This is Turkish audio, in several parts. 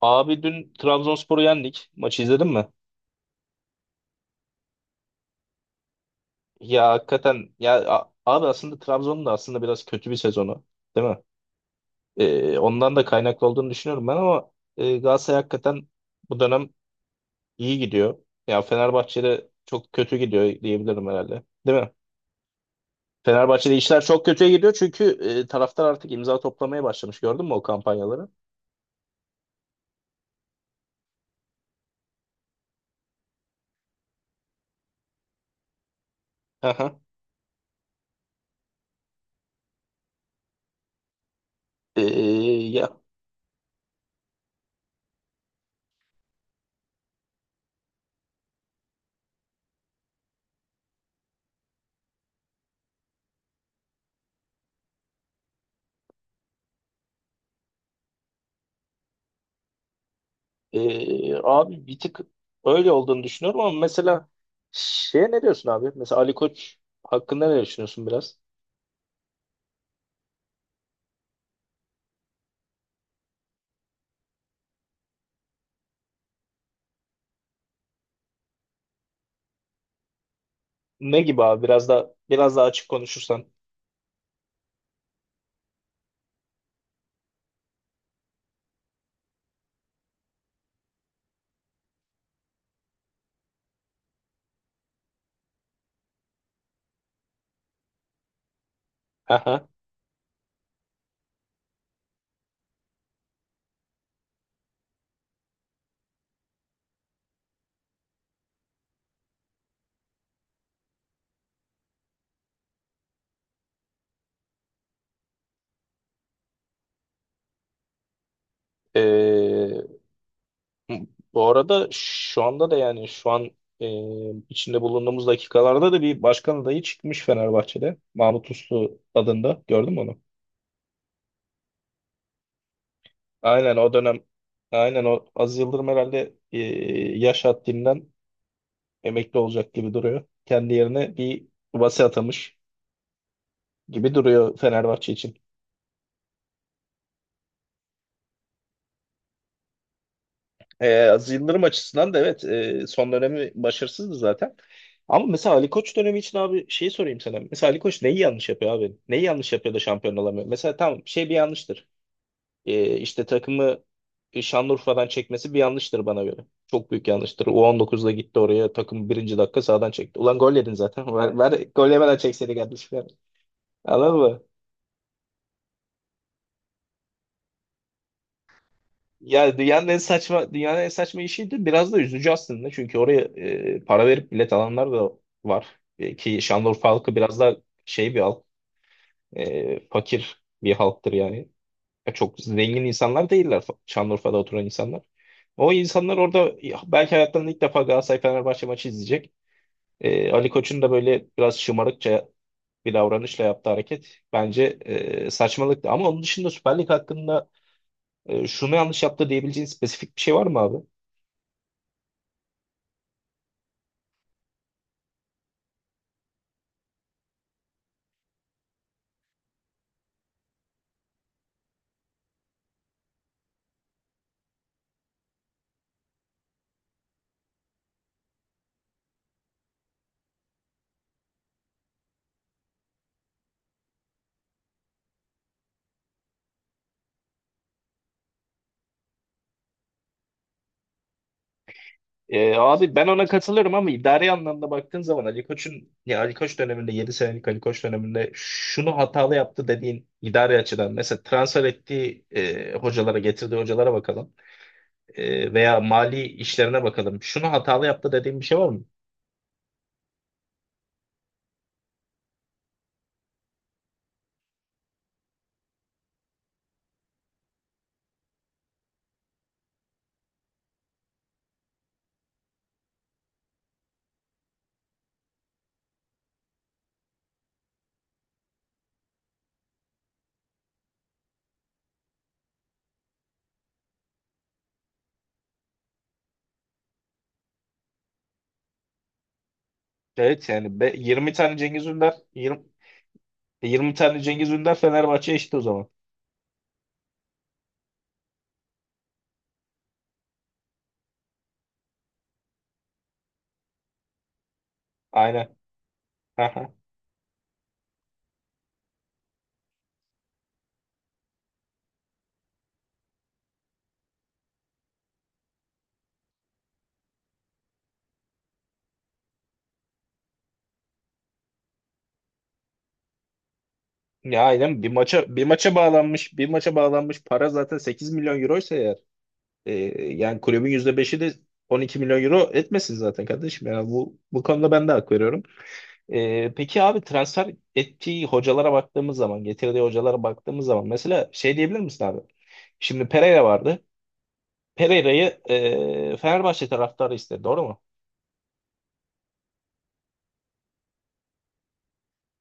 Abi dün Trabzonspor'u yendik. Maçı izledin mi? Ya hakikaten ya abi aslında Trabzon'un da aslında biraz kötü bir sezonu değil mi? Ondan da kaynaklı olduğunu düşünüyorum ben ama Galatasaray hakikaten bu dönem iyi gidiyor. Ya Fenerbahçe'de çok kötü gidiyor diyebilirim herhalde. Değil mi? Fenerbahçe'de işler çok kötüye gidiyor çünkü taraftar artık imza toplamaya başlamış. Gördün mü o kampanyaları? Aha. Ee, Ya abi bir tık öyle olduğunu düşünüyorum ama mesela şeye ne diyorsun abi? Mesela Ali Koç hakkında ne düşünüyorsun biraz? Ne gibi abi? Biraz da biraz daha açık konuşursan. Aha. Ee, Bu arada şu anda da yani şu an e, içinde bulunduğumuz dakikalarda da bir başkan adayı çıkmış Fenerbahçe'de. Mahmut Uslu adında. Gördün mü onu? Aynen o dönem aynen o Aziz Yıldırım herhalde yaş haddinden emekli olacak gibi duruyor. Kendi yerine bir Vase atamış gibi duruyor Fenerbahçe için. Aziz Yıldırım açısından da evet, son dönemi başarısızdı zaten. Ama mesela Ali Koç dönemi için abi şeyi sorayım sana. Mesela Ali Koç neyi yanlış yapıyor abi? Neyi yanlış yapıyor da şampiyon olamıyor? Mesela tamam şey bir yanlıştır. İşte takımı Şanlıurfa'dan çekmesi bir yanlıştır bana göre. Çok büyük yanlıştır. U19'da gitti oraya takım, birinci dakika sağdan çekti. Ulan gol yedin zaten. Ver, ver, gol yemeden çekseydi kardeşim. Yani. Anladın mı? Yani dünyanın en saçma işiydi. Biraz da üzücü aslında. Çünkü oraya para verip bilet alanlar da var. E, ki Şanlıurfa halkı biraz da şey bir halk. Fakir bir halktır yani. Ya çok zengin insanlar değiller, Şanlıurfa'da oturan insanlar. O insanlar orada ya, belki hayatlarında ilk defa Galatasaray-Fenerbahçe maçı izleyecek. E, Ali Koç'un da böyle biraz şımarıkça bir davranışla yaptığı hareket bence saçmalıktı. Ama onun dışında Süper Lig hakkında şunu yanlış yaptı diyebileceğin spesifik bir şey var mı abi? Abi ben ona katılırım ama idari anlamda baktığın zaman Ali Koç'un, ya Ali Koç döneminde, 7 senelik Ali Koç döneminde şunu hatalı yaptı dediğin, idari açıdan mesela transfer ettiği hocalara, getirdiği hocalara bakalım. E, veya mali işlerine bakalım. Şunu hatalı yaptı dediğin bir şey var mı? Evet yani 20 tane Cengiz Ünder Fenerbahçe eşit o zaman. Aynen. Aha. Ya aynen bir maça bağlanmış para zaten 8 milyon euroysa eğer. Ee, Yani kulübün %5'i de 12 milyon euro etmesin zaten kardeşim. Yani bu konuda ben de hak veriyorum. Peki abi transfer ettiği hocalara baktığımız zaman, getirdiği hocalara baktığımız zaman mesela şey diyebilir misin abi? Şimdi Pereira vardı. Pereira'yı Fenerbahçe taraftarı istedi, doğru mu?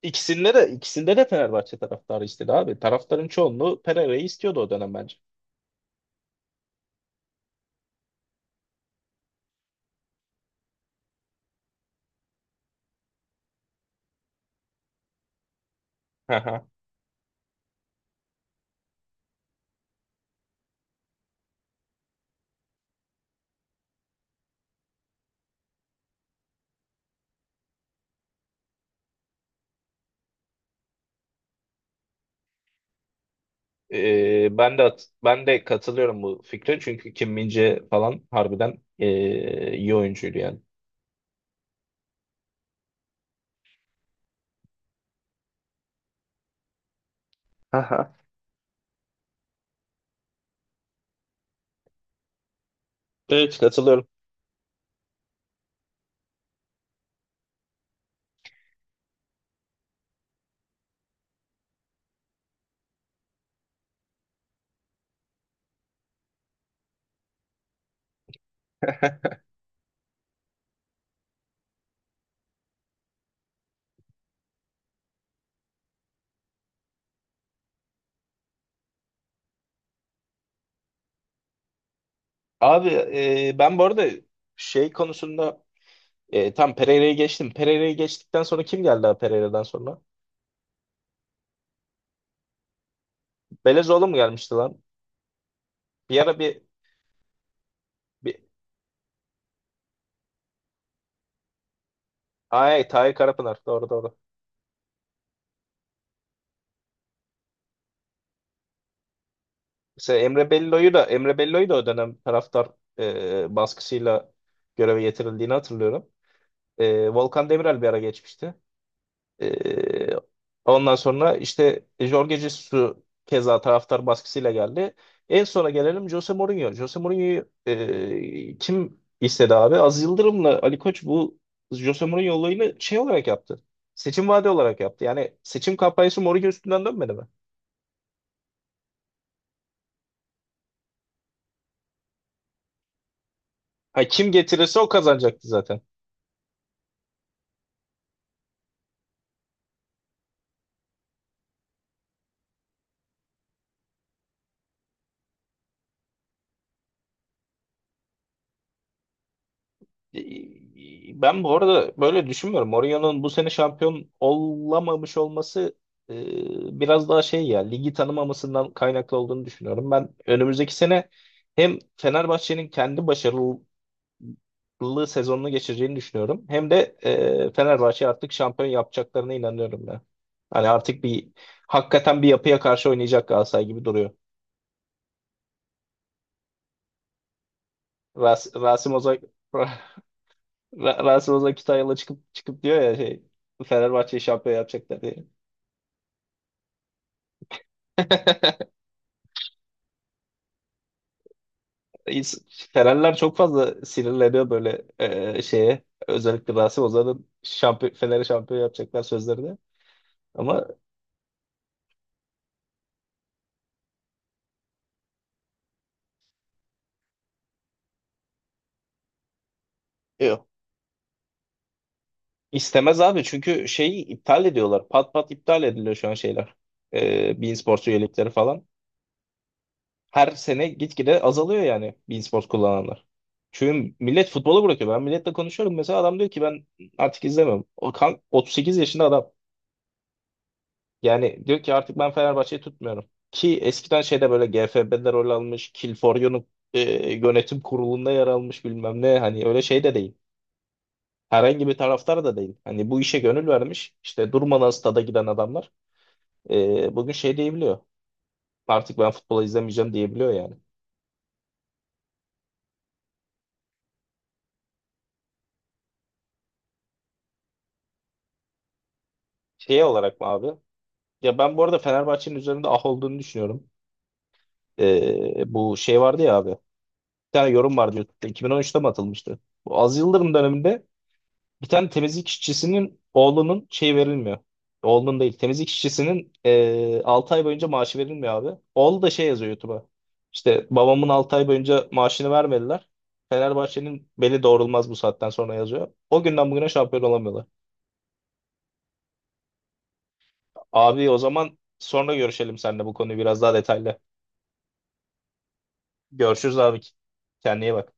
İkisinde de Fenerbahçe taraftarı istedi abi. Taraftarın çoğunluğu Pereira'yı istiyordu o dönem bence. Ee, ben de ben de katılıyorum bu fikre, çünkü Kim Min-jae falan harbiden iyi oyuncuydu yani. Aha. Evet, katılıyorum. Abi ben bu arada şey konusunda tam Pereira'yı geçtim. Pereira'yı geçtikten sonra kim geldi abi, Pereira'dan sonra? Belezoğlu mu gelmişti lan? Bir ara bir, bir... Ay Tahir Karapınar, doğru doğru. Mesela Emre Bello'yu da o dönem taraftar baskısıyla göreve getirildiğini hatırlıyorum. E, Volkan Demirel bir ara geçmişti. Ee, Ondan sonra işte Jorge Jesus keza taraftar baskısıyla geldi. En sona gelelim, Jose Mourinho. Jose Mourinho'yu kim istedi abi? Aziz Yıldırım'la Ali Koç bu Jose Mourinho olayını şey olarak yaptı. Seçim vaadi olarak yaptı. Yani seçim kampanyası Mourinho üstünden dönmedi mi? Ha, kim getirirse o kazanacaktı zaten. E, ben bu arada böyle düşünmüyorum. Mourinho'nun bu sene şampiyon olamamış olması biraz daha şey, ya ligi tanımamasından kaynaklı olduğunu düşünüyorum. Ben önümüzdeki sene hem Fenerbahçe'nin kendi başarılı sezonunu geçireceğini düşünüyorum, hem de Fenerbahçe artık şampiyon yapacaklarına inanıyorum ben. Hani artık bir hakikaten bir yapıya karşı oynayacak Galatasaray gibi duruyor. Rasim Ozan Rasim Ozan Kütahyalı çıkıp çıkıp diyor ya şey, Fenerbahçe'yi şampiyon yapacaklar diye. İns- Fenerler çok fazla sinirleniyor böyle şeye. Özellikle Rasim Ozan'ın şampiyon, Fener'i şampiyon yapacaklar sözlerine. Ama yok. İstemez abi, çünkü şeyi iptal ediyorlar. Pat pat iptal ediliyor şu an şeyler. E, beIN Sports üyelikleri falan. Her sene gitgide azalıyor yani e-spor kullananlar. Çünkü millet futbolu bırakıyor. Ben milletle konuşuyorum. Mesela adam diyor ki ben artık izlemiyorum. O kan 38 yaşında adam. Yani diyor ki artık ben Fenerbahçe'yi tutmuyorum. Ki eskiden şeyde böyle GFB'de rol almış, Kilforyo'nun e, yönetim kurulunda yer almış, bilmem ne. Hani öyle şey de değil. Herhangi bir taraftar da değil. Hani bu işe gönül vermiş, İşte durmadan stada giden adamlar bugün şey diyebiliyor. Artık ben futbolu izlemeyeceğim diyebiliyor yani. Şey olarak mı abi? Ya ben bu arada Fenerbahçe'nin üzerinde ah olduğunu düşünüyorum. Bu şey vardı ya abi. Bir tane yorum vardı YouTube'da. 2013'te mi atılmıştı? Bu Aziz Yıldırım döneminde bir tane temizlik işçisinin oğlunun şey verilmiyor. Oğlunun değil. Temizlik işçisinin 6 ay boyunca maaşı verilmiyor abi. Oğlu da şey yazıyor YouTube'a. İşte babamın 6 ay boyunca maaşını vermediler. Fenerbahçe'nin beli doğrulmaz bu saatten sonra, yazıyor. O günden bugüne şampiyon olamıyorlar. Abi o zaman sonra görüşelim seninle bu konuyu biraz daha detaylı. Görüşürüz abi. Kendine iyi bak.